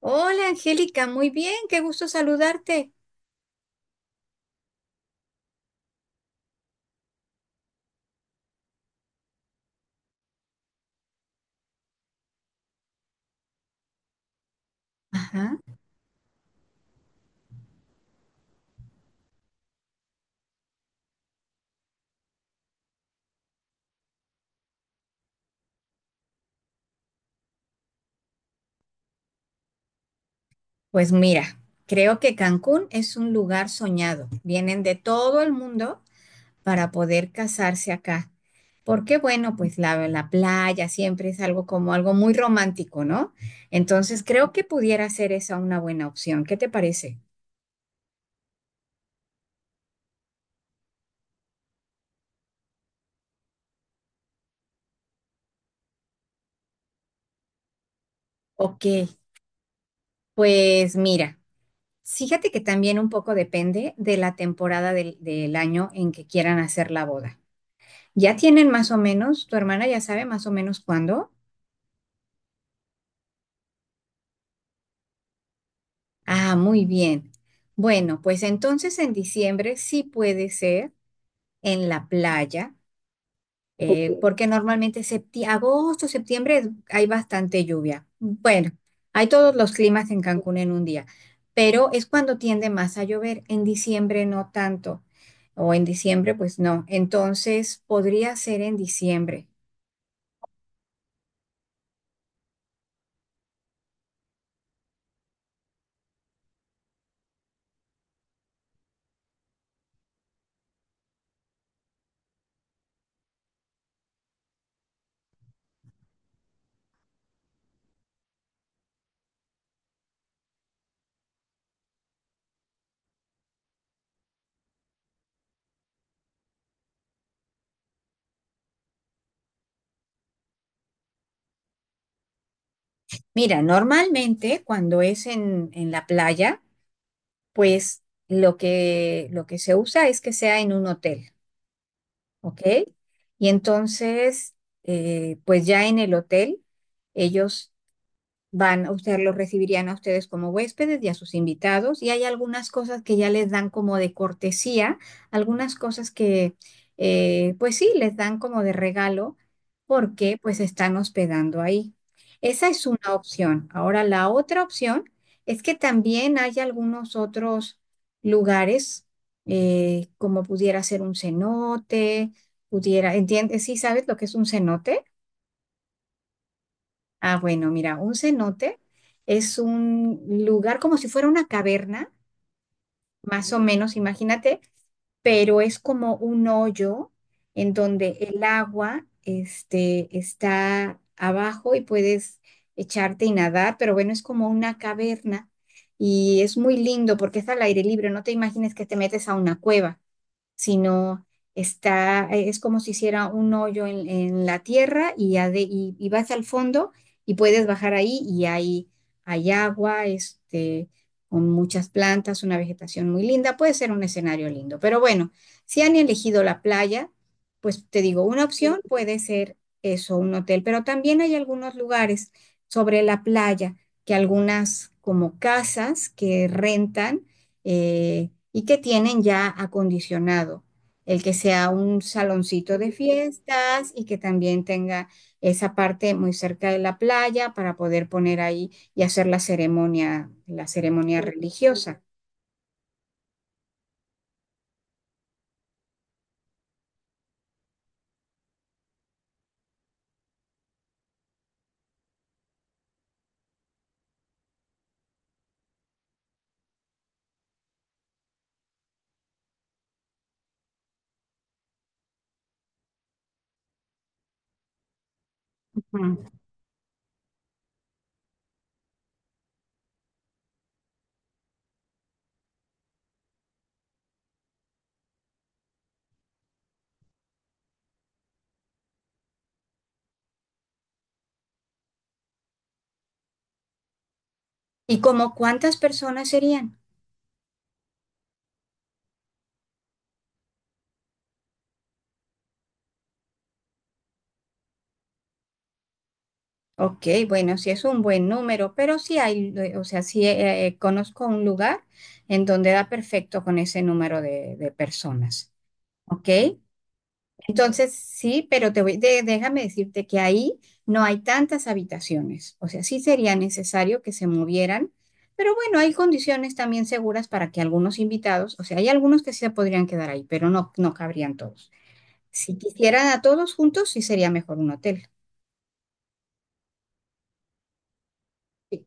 Hola Angélica, muy bien, qué gusto saludarte. Ajá. Pues mira, creo que Cancún es un lugar soñado. Vienen de todo el mundo para poder casarse acá. Porque bueno, pues la playa siempre es algo como algo muy romántico, ¿no? Entonces creo que pudiera ser esa una buena opción. ¿Qué te parece? Ok, pues mira, fíjate que también un poco depende de la temporada del año en que quieran hacer la boda. ¿Ya tienen más o menos? ¿Tu hermana ya sabe más o menos cuándo? Ah, muy bien. Bueno, pues entonces en diciembre sí puede ser en la playa, Ok. Porque normalmente agosto, hay bastante lluvia. Bueno, hay todos los climas en Cancún en un día, pero es cuando tiende más a llover. En diciembre no tanto, o en diciembre pues no. Entonces podría ser en diciembre. Mira, normalmente cuando es en la playa, pues lo que se usa es que sea en un hotel, ¿ok? Y entonces, pues ya en el hotel, ellos van a usted, los recibirían a ustedes como huéspedes y a sus invitados, y hay algunas cosas que ya les dan como de cortesía, algunas cosas que, pues sí, les dan como de regalo porque pues están hospedando ahí. Esa es una opción. Ahora, la otra opción es que también hay algunos otros lugares, como pudiera ser un cenote, pudiera, ¿entiendes? ¿Sí sabes lo que es un cenote? Ah, bueno, mira, un cenote es un lugar como si fuera una caverna, más o menos, imagínate, pero es como un hoyo en donde el agua, este, está abajo y puedes echarte y nadar, pero bueno, es como una caverna y es muy lindo porque está al aire libre, no te imagines que te metes a una cueva sino está, es como si hiciera un hoyo en la tierra y, y vas al fondo y puedes bajar ahí y hay agua, este, con muchas plantas, una vegetación muy linda, puede ser un escenario lindo. Pero bueno, si han elegido la playa, pues te digo, una opción puede ser eso, un hotel, pero también hay algunos lugares sobre la playa que algunas como casas que rentan, y que tienen ya acondicionado. El que sea un saloncito de fiestas y que también tenga esa parte muy cerca de la playa para poder poner ahí y hacer la ceremonia religiosa. Ujú. ¿Y como cuántas personas serían? Ok, bueno, sí es un buen número, pero sí hay, o sea, sí conozco un lugar en donde da perfecto con ese número de personas. Ok, entonces, sí, pero déjame decirte que ahí no hay tantas habitaciones. O sea, sí sería necesario que se movieran, pero bueno, hay condiciones también seguras para que algunos invitados, o sea, hay algunos que sí se podrían quedar ahí, pero no cabrían todos. Si quisieran a todos juntos, sí sería mejor un hotel. Sí.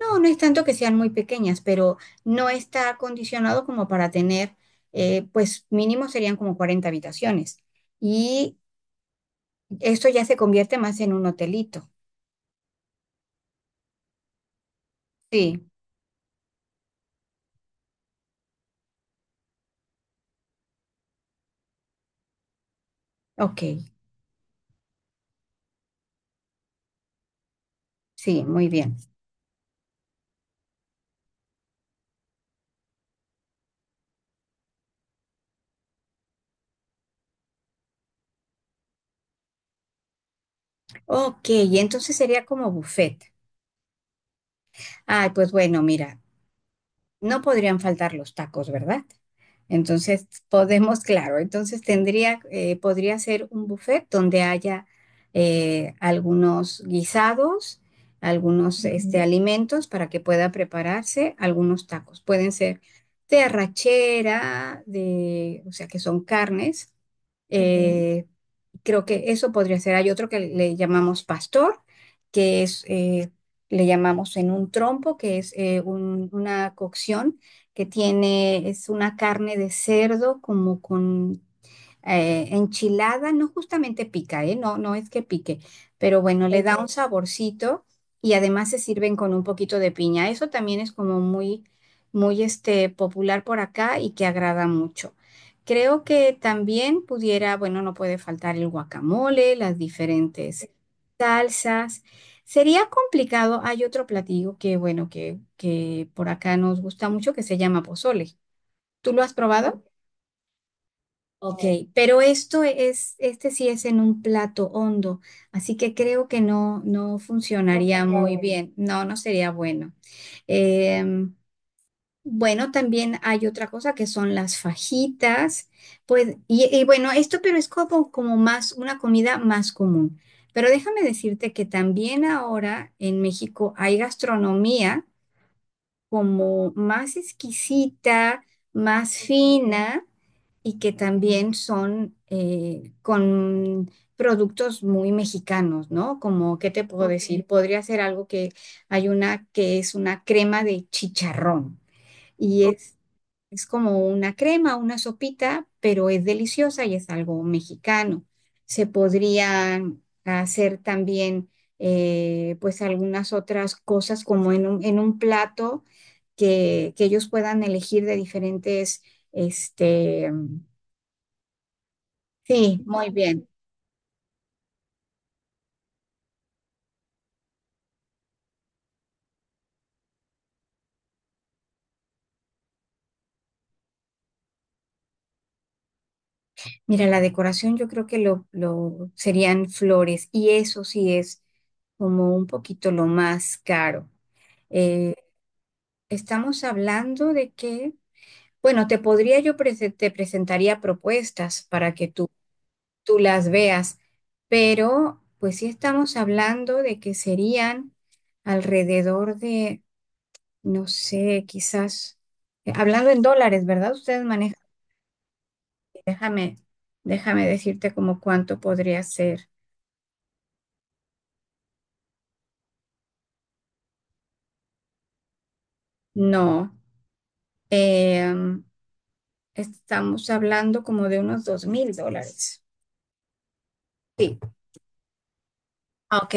No, no es tanto que sean muy pequeñas, pero no está acondicionado como para tener, pues mínimo serían como 40 habitaciones. Y esto ya se convierte más en un hotelito. Sí. Ok, sí, muy bien. Ok, y entonces sería como buffet. Ay, pues bueno, mira, no podrían faltar los tacos, ¿verdad? Entonces podemos, claro, entonces tendría, podría ser un buffet donde haya, algunos guisados, algunos este, Ujú. Alimentos para que pueda prepararse algunos tacos. Pueden ser de arrachera, de, o sea, que son carnes. Ujú. Creo que eso podría ser. Hay otro que le llamamos pastor, que es, le llamamos en un trompo, que es una cocción que tiene, es una carne de cerdo como con, enchilada no justamente pica, ¿eh? No, no es que pique, pero bueno, le da un Ok. saborcito y además se sirven con un poquito de piña. Eso también es como muy, muy este, popular por acá y que agrada mucho. Creo que también pudiera, bueno, no puede faltar el guacamole, las diferentes salsas. Sería complicado, hay otro platillo que, bueno, que por acá nos gusta mucho que se llama pozole. ¿Tú lo has probado? Ok, pero esto es, este sí es en un plato hondo, así que creo que no No funcionaría sería muy bueno. bien. No, no sería bueno. Em, bueno, también hay otra cosa que son las fajitas, pues, y bueno, esto pero es como, como más una comida más común. Pero déjame decirte que también ahora en México hay gastronomía como más exquisita, más fina y que también son con productos muy mexicanos, ¿no? Como, ¿qué te puedo Ok. decir? Podría ser algo que hay una que es una crema de chicharrón y es como una crema, una sopita, pero es deliciosa y es algo mexicano. Se podrían hacer también, pues, algunas otras cosas como en un plato que ellos puedan elegir de diferentes, este, sí, muy bien. Mira, la decoración yo creo que lo serían flores y eso sí es como un poquito lo más caro. Eh, Estamos hablando de que, bueno, te podría yo te presentaría propuestas para que tú las veas, pero pues sí estamos hablando de que serían alrededor de No sé, quizás. Hablando en dólares, ¿verdad? Ustedes manejan. Déjame, déjame decirte como cuánto podría ser. No, em, estamos hablando como de unos $2,000. Sí. Ah, Ok,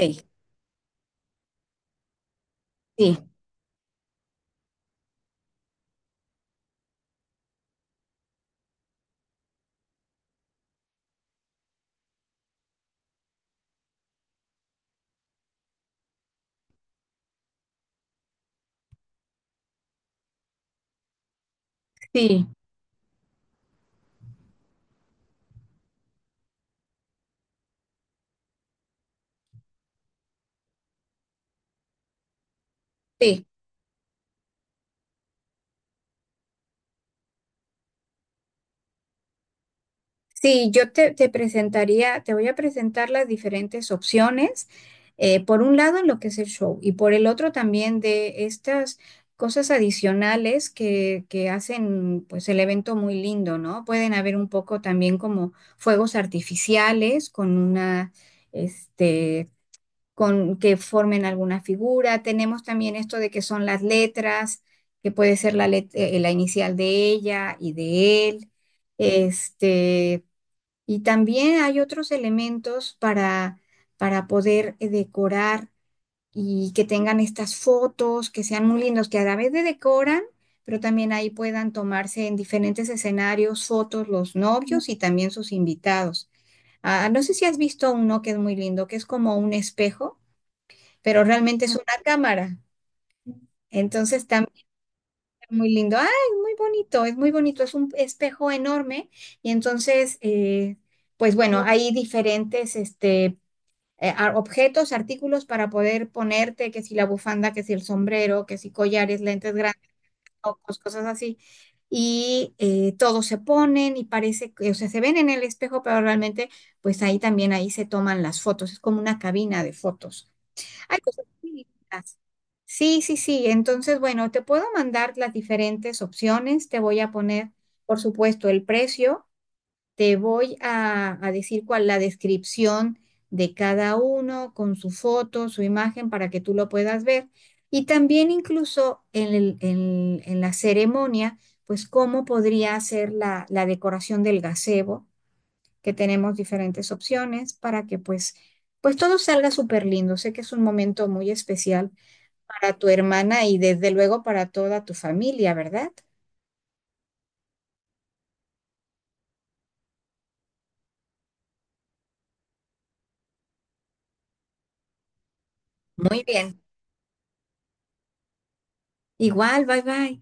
sí, sí, sí. Sí, te presentaría, te voy a presentar las diferentes opciones. Por un lado, en lo que es el show, y por el otro también de estas cosas adicionales que hacen pues el evento muy lindo, ¿no? Pueden haber un poco también como fuegos artificiales con una, este, con que formen alguna figura. Tenemos también esto de que son las letras, que puede ser la inicial de ella y de él. Este, y también hay otros elementos para poder, decorar y que tengan estas fotos, que sean muy lindos, que a la vez de decoran, pero también ahí puedan tomarse en diferentes escenarios fotos los novios y también sus invitados. Ah, no sé si has visto uno que es muy lindo, que es como un espejo, pero realmente es una cámara. Entonces muy lindo, ay, muy bonito, es un espejo enorme y entonces, pues bueno, hay diferentes este, objetos, artículos para poder ponerte, que si la bufanda, que si el sombrero, que si collares, lentes grandes, ojos, cosas así. Y todos se ponen y parece que, o sea, se ven en el espejo, pero realmente, pues ahí también, ahí se toman las fotos, es como una cabina de fotos. Hay cosas distintas. Sí, sí, sí. Entonces, bueno, te puedo mandar las diferentes opciones. Te voy a poner, por supuesto, el precio. Te voy a decir cuál la descripción de cada uno con su foto, su imagen, para que tú lo puedas ver. Y también incluso en la ceremonia, pues cómo podría ser la decoración del gazebo que tenemos diferentes opciones para que pues, pues todo salga súper lindo. Sé que es un momento muy especial para tu hermana y desde luego para toda tu familia, ¿verdad? Muy bien. Igual, bye bye.